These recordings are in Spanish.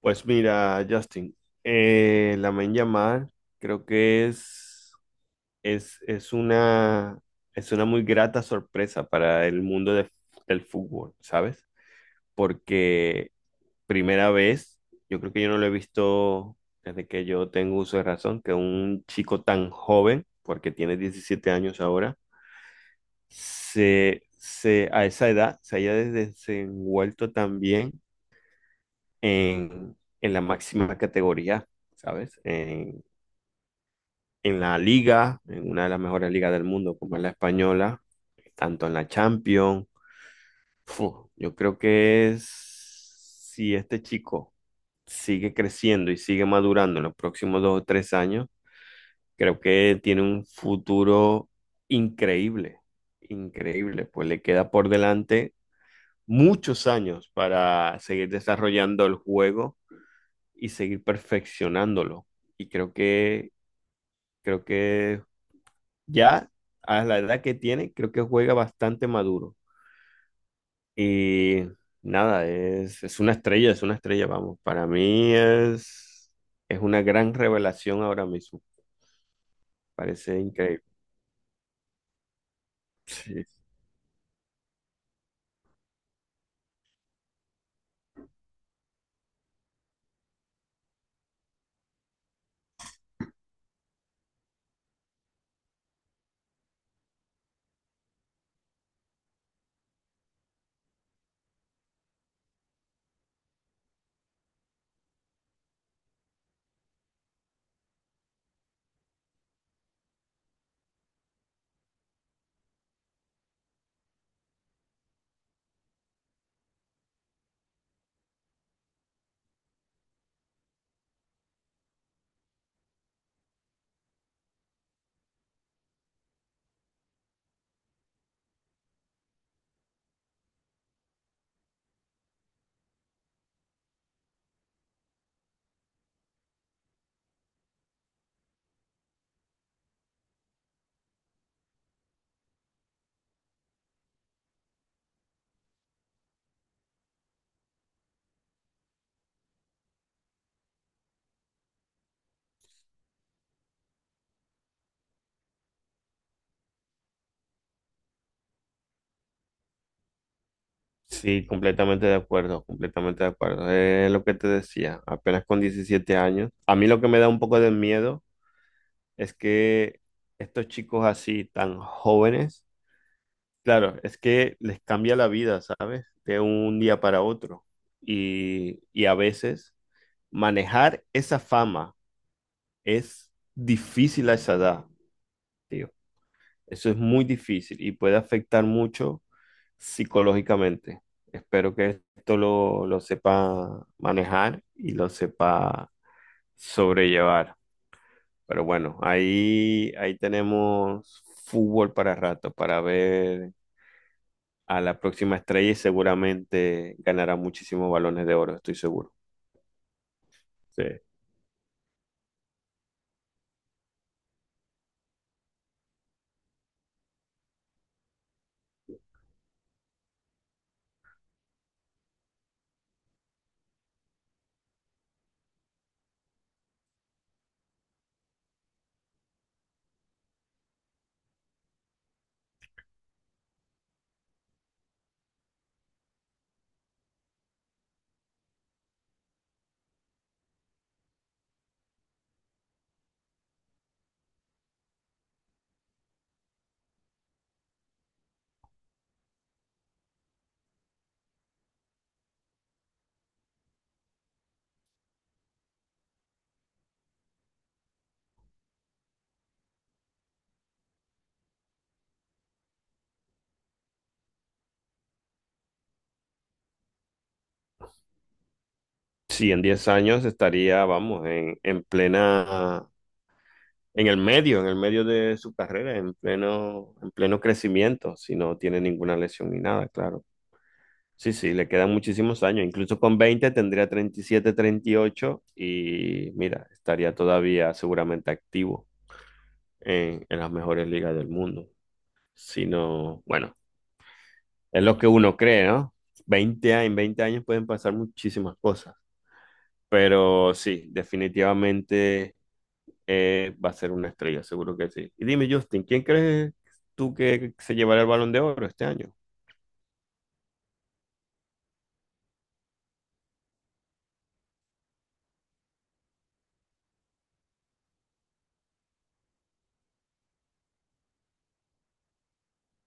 Pues mira, Justin, Lamine llamada creo que es, es, es una, es una muy grata sorpresa para el mundo del fútbol, ¿sabes? Porque primera vez, yo creo que yo no lo he visto desde que yo tengo uso de razón, que un chico tan joven, porque tiene 17 años ahora, a esa edad se haya desenvuelto tan bien en la máxima categoría, ¿sabes? En la liga, en una de las mejores ligas del mundo, como es la española, tanto en la Champions. Yo creo que es, si este chico sigue creciendo y sigue madurando en los próximos dos o tres años, creo que tiene un futuro increíble, increíble, pues le queda por delante muchos años para seguir desarrollando el juego y seguir perfeccionándolo. Y creo que, creo que ya a la edad que tiene, creo que juega bastante maduro. Y nada, es una estrella, vamos. Para mí es una gran revelación ahora mismo. Parece increíble. Sí, sí, completamente de acuerdo, completamente de acuerdo. Es lo que te decía, apenas con 17 años. A mí lo que me da un poco de miedo es que estos chicos así tan jóvenes. Claro, es que les cambia la vida, ¿sabes? De un día para otro. Y a veces manejar esa fama es difícil a esa edad, tío. Eso es muy difícil y puede afectar mucho psicológicamente. Espero que esto lo sepa manejar y lo sepa sobrellevar. Pero bueno, ahí tenemos fútbol para rato, para ver a la próxima estrella y seguramente ganará muchísimos balones de oro, estoy seguro. Sí, sí, en 10 años estaría, vamos, en plena, en el medio de su carrera, en pleno crecimiento, si no tiene ninguna lesión ni nada, claro. Sí, sí, le quedan muchísimos años. Incluso con 20 tendría 37, 38 y ocho y mira, estaría todavía seguramente activo en las mejores ligas del mundo. Si no, bueno, es lo que uno cree, ¿no? 20 años, en 20 años pueden pasar muchísimas cosas, pero sí, definitivamente va a ser una estrella, seguro que sí. Y dime, Justin, ¿quién crees tú que se llevará el Balón de Oro este año?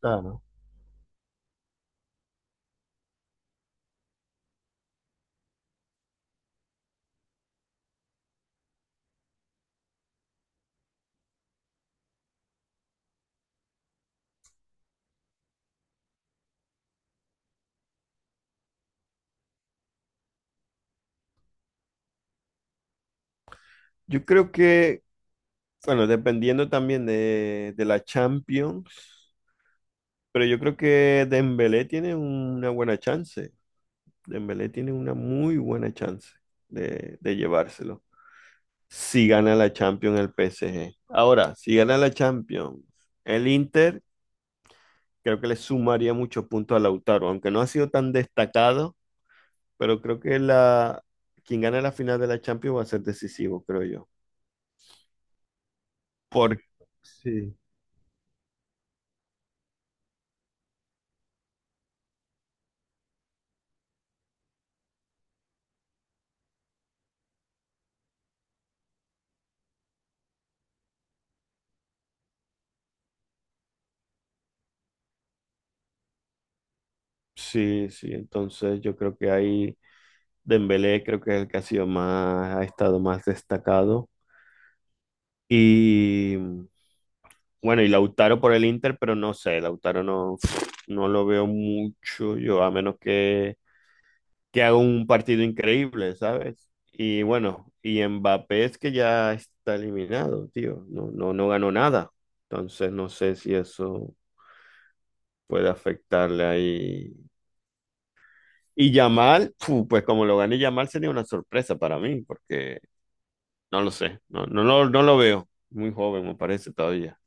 Claro. Yo creo que, bueno, dependiendo también de la Champions, pero yo creo que Dembélé tiene una buena chance. Dembélé tiene una muy buena chance de llevárselo. Si gana la Champions el PSG. Ahora, si gana la Champions, el Inter creo que le sumaría muchos puntos a Lautaro, aunque no ha sido tan destacado, pero creo que la quien gane la final de la Champions va a ser decisivo, creo yo. Por sí, sí, sí, entonces yo creo que ahí Dembélé creo que es el que ha sido más, ha estado más destacado y bueno, y Lautaro por el Inter, pero no sé, Lautaro no lo veo mucho yo, a menos que haga un partido increíble, ¿sabes? Y bueno, y Mbappé es que ya está eliminado, tío. No, no, no ganó nada. Entonces no sé si eso puede afectarle ahí. Y Yamal, fu, pues como lo gané Yamal sería una sorpresa para mí, porque no lo sé, no lo veo. Muy joven me parece todavía.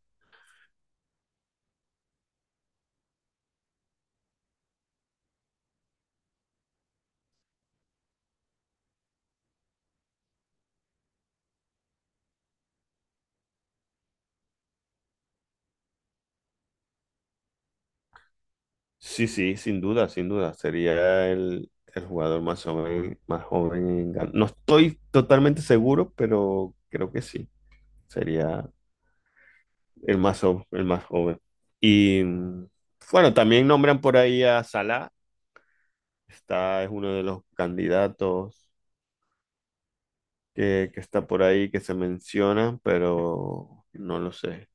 Sí, sí, sin duda, sin duda. Sería el jugador más joven en no estoy totalmente seguro, pero creo que sí. Sería el más, el más joven. Y bueno, también nombran por ahí a Salah, está, es uno de los candidatos que está por ahí, que se menciona, pero no lo sé.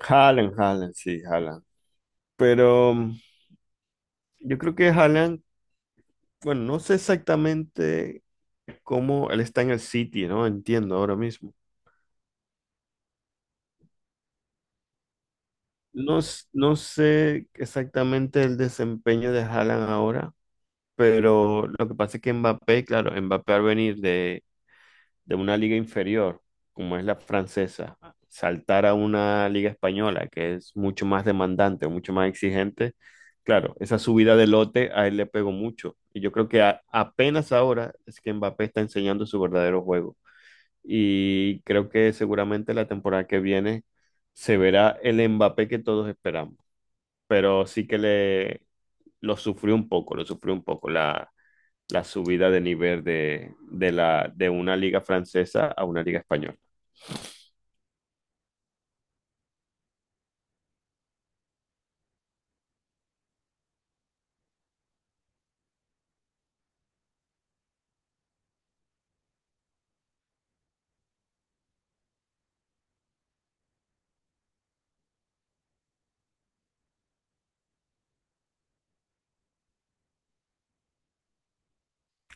Haaland, Haaland, sí, Haaland. Pero yo creo que Haaland, bueno, no sé exactamente cómo él está en el City, ¿no? Entiendo ahora mismo. No, no sé exactamente el desempeño de Haaland ahora, pero lo que pasa es que Mbappé, claro, Mbappé al venir de una liga inferior, como es la francesa, saltar a una liga española que es mucho más demandante, mucho más exigente, claro, esa subida de lote a él le pegó mucho. Y yo creo que apenas ahora es que Mbappé está enseñando su verdadero juego. Y creo que seguramente la temporada que viene se verá el Mbappé que todos esperamos. Pero sí que le lo sufrió un poco, lo sufrió un poco. La subida de nivel de una liga francesa a una liga española.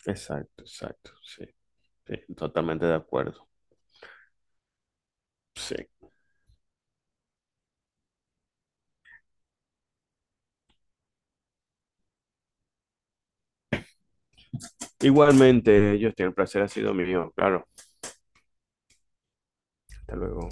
Exacto, exacto, sí, sí, totalmente de acuerdo. Sí. Igualmente, Justin, el placer ha sido mío, claro. Hasta luego.